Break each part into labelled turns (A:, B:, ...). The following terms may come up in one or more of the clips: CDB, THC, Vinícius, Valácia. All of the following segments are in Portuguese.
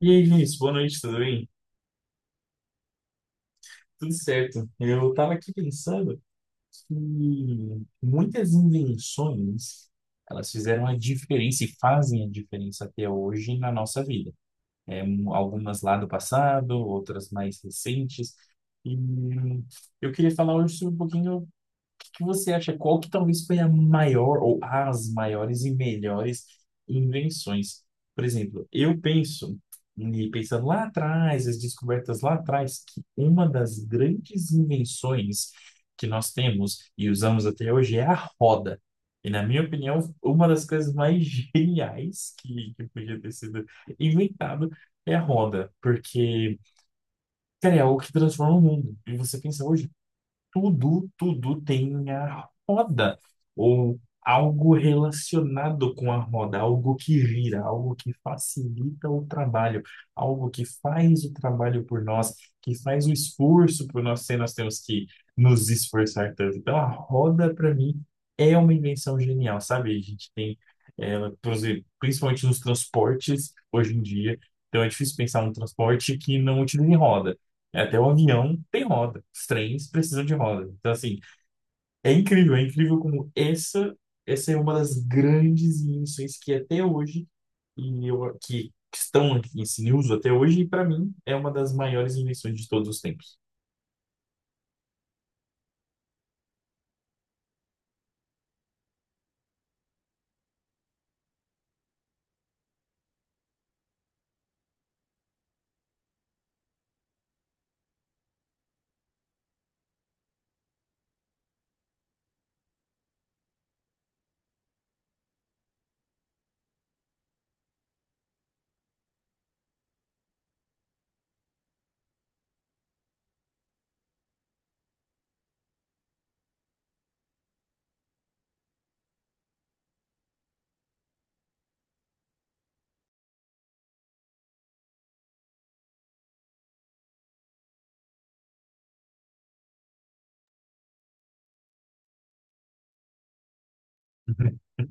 A: E aí, Vinícius, boa noite, tudo bem? Tudo certo. Eu estava aqui pensando que muitas invenções, elas fizeram a diferença e fazem a diferença até hoje na nossa vida. Algumas lá do passado, outras mais recentes. E eu queria falar hoje sobre um pouquinho que você acha qual que talvez foi a maior ou as maiores e melhores invenções? Por exemplo, eu penso, e pensando lá atrás, as descobertas lá atrás, que uma das grandes invenções que nós temos e usamos até hoje é a roda. E, na minha opinião, uma das coisas mais geniais que podia ter sido inventado é a roda, porque, cara, é algo que transforma o mundo. E você pensa hoje, tudo tem a roda, ou algo relacionado com a roda, algo que gira, algo que facilita o trabalho, algo que faz o trabalho por nós, que faz o esforço por nós, se nós temos que nos esforçar tanto. Então, a roda, para mim, é uma invenção genial, sabe? A gente tem ela, por exemplo, principalmente nos transportes, hoje em dia. Então, é difícil pensar num transporte que não utilize roda. Até o avião tem roda. Os trens precisam de roda. Então, assim, é incrível como essa é uma das grandes invenções que é até hoje, e eu, que, que estão aqui em uso até hoje, e para mim é uma das maiores invenções de todos os tempos.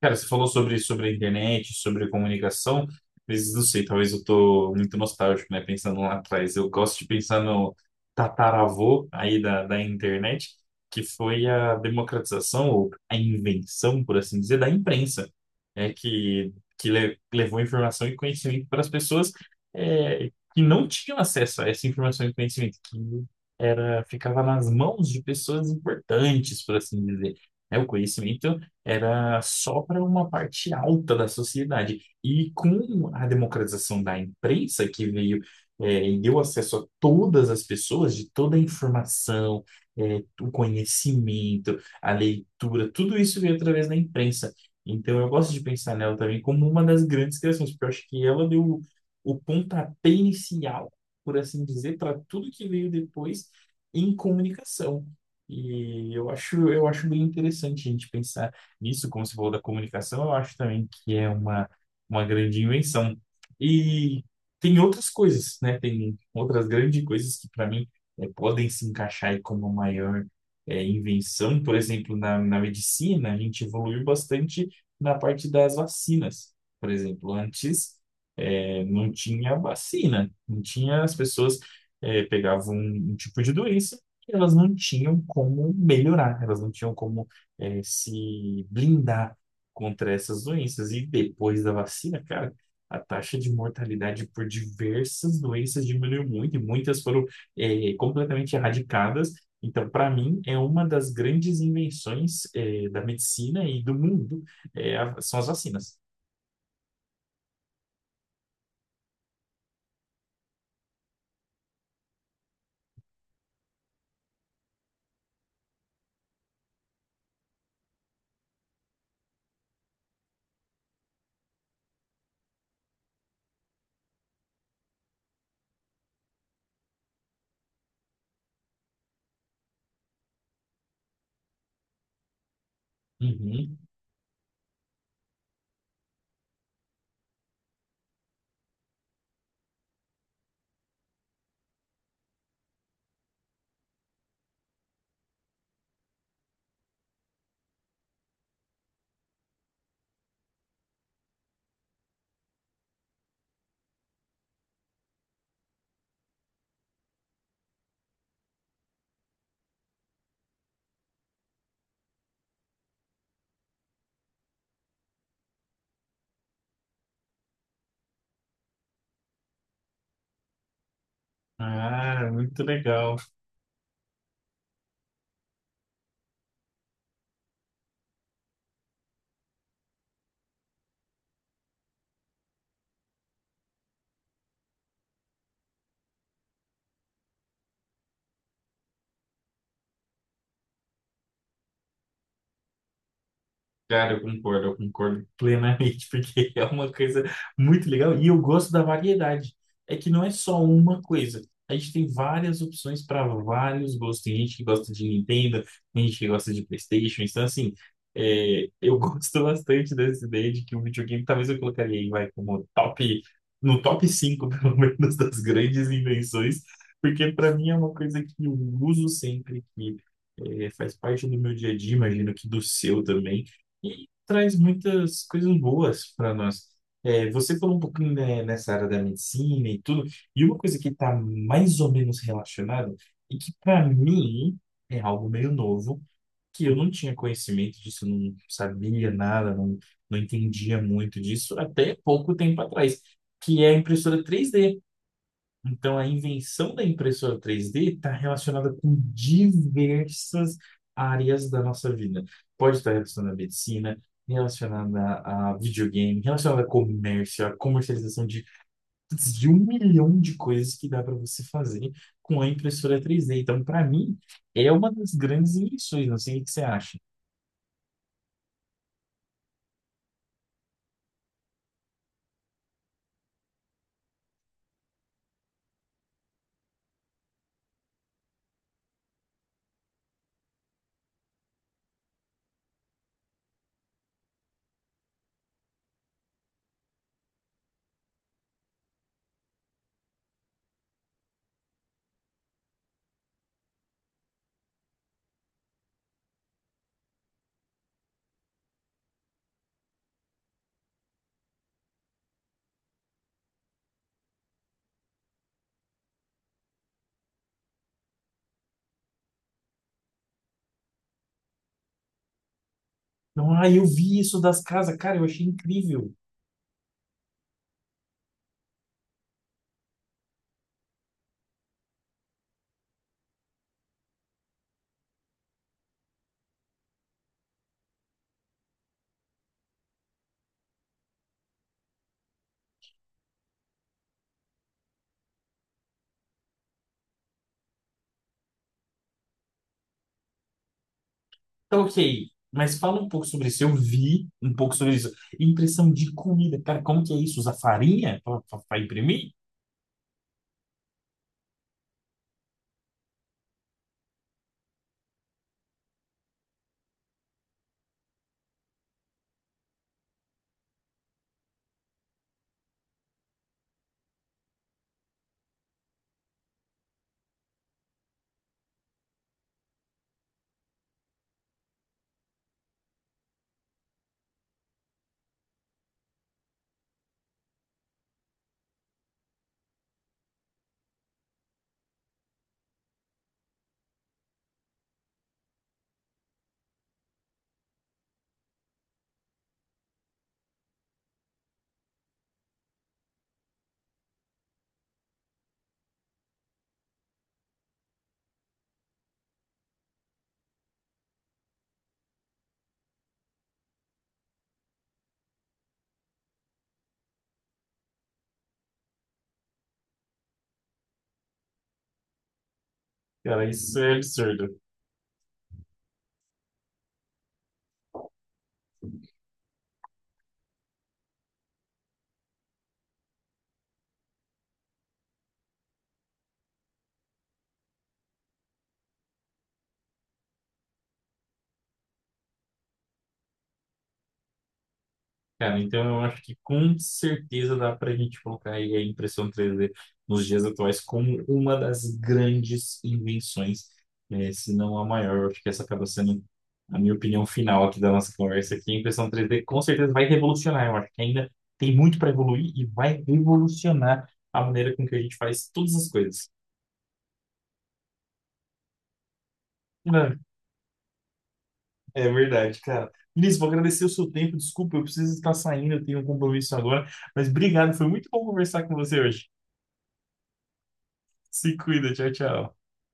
A: Cara, você falou sobre a internet, sobre comunicação, mas não sei, talvez eu tô muito nostálgico, né? Pensando lá atrás. Eu gosto de pensar no tataravô aí da internet, que foi a democratização, ou a invenção, por assim dizer, da imprensa, é que, levou informação e conhecimento para as pessoas é, que não tinham acesso a essa informação e conhecimento, que era, ficava nas mãos de pessoas importantes, por assim dizer, né? O conhecimento era só para uma parte alta da sociedade. E com a democratização da imprensa, que veio, e deu acesso a todas as pessoas, de toda a informação, o conhecimento, a leitura, tudo isso veio através da imprensa. Então eu gosto de pensar nela também como uma das grandes criações, porque eu acho que ela deu o pontapé inicial, por assim dizer, para tudo que veio depois em comunicação. E eu acho bem interessante a gente pensar isso, como você falou da comunicação, eu acho também que é uma grande invenção. E tem outras coisas, né? Tem outras grandes coisas que, para mim, podem se encaixar aí como maior invenção. Por exemplo, na medicina, a gente evoluiu bastante na parte das vacinas. Por exemplo, antes não tinha vacina, não tinha, as pessoas pegavam um tipo de doença e elas não tinham como melhorar, elas não tinham como se blindar contra essas doenças. E depois da vacina, cara, a taxa de mortalidade por diversas doenças diminuiu muito e muitas foram, completamente erradicadas. Então, para mim, é uma das grandes invenções, da medicina e do mundo, são as vacinas. Uhum. Ah, muito legal. Cara, eu concordo plenamente, porque é uma coisa muito legal e eu gosto da variedade. É que não é só uma coisa. A gente tem várias opções para vários gostos. Tem gente que gosta de Nintendo, tem gente que gosta de PlayStation. Então, assim, eu gosto bastante dessa ideia de que o videogame talvez eu colocaria aí, vai, como top, no top 5, pelo menos, das grandes invenções, porque para mim é uma coisa que eu uso sempre, que faz parte do meu dia a dia, imagino que do seu também e traz muitas coisas boas para nós. É, você falou um pouquinho, né, nessa área da medicina e tudo, e uma coisa que está mais ou menos relacionada, e que para mim é algo meio novo, que eu não tinha conhecimento disso, não sabia nada, não entendia muito disso até pouco tempo atrás, que é a impressora 3D. Então, a invenção da impressora 3D está relacionada com diversas áreas da nossa vida. Pode estar relacionada à medicina, relacionada a videogame, relacionada a comércio, a comercialização de, putz, de um milhão de coisas que dá para você fazer com a impressora 3D. Então, para mim, é uma das grandes invenções. Não sei o que você acha. Então, ah, eu vi isso das casas, cara, eu achei incrível. Então, ok, mas fala um pouco sobre isso. Eu vi um pouco sobre isso. Impressão de comida. Cara, como que é isso? Usar farinha pra imprimir? Cara, isso é absurdo. Cara, então eu acho que com certeza dá para a gente colocar aí a impressão 3D nos dias atuais como uma das grandes invenções, né, se não a maior. Eu acho que essa acaba sendo a minha opinião final aqui da nossa conversa aqui. A impressão 3D com certeza vai revolucionar. Eu acho que ainda tem muito para evoluir e vai revolucionar a maneira com que a gente faz todas as coisas. Não, é verdade, cara. Vinícius, vou agradecer o seu tempo. Desculpa, eu preciso estar saindo, eu tenho um compromisso agora. Mas obrigado, foi muito bom conversar com você hoje. Se cuida, tchau, tchau.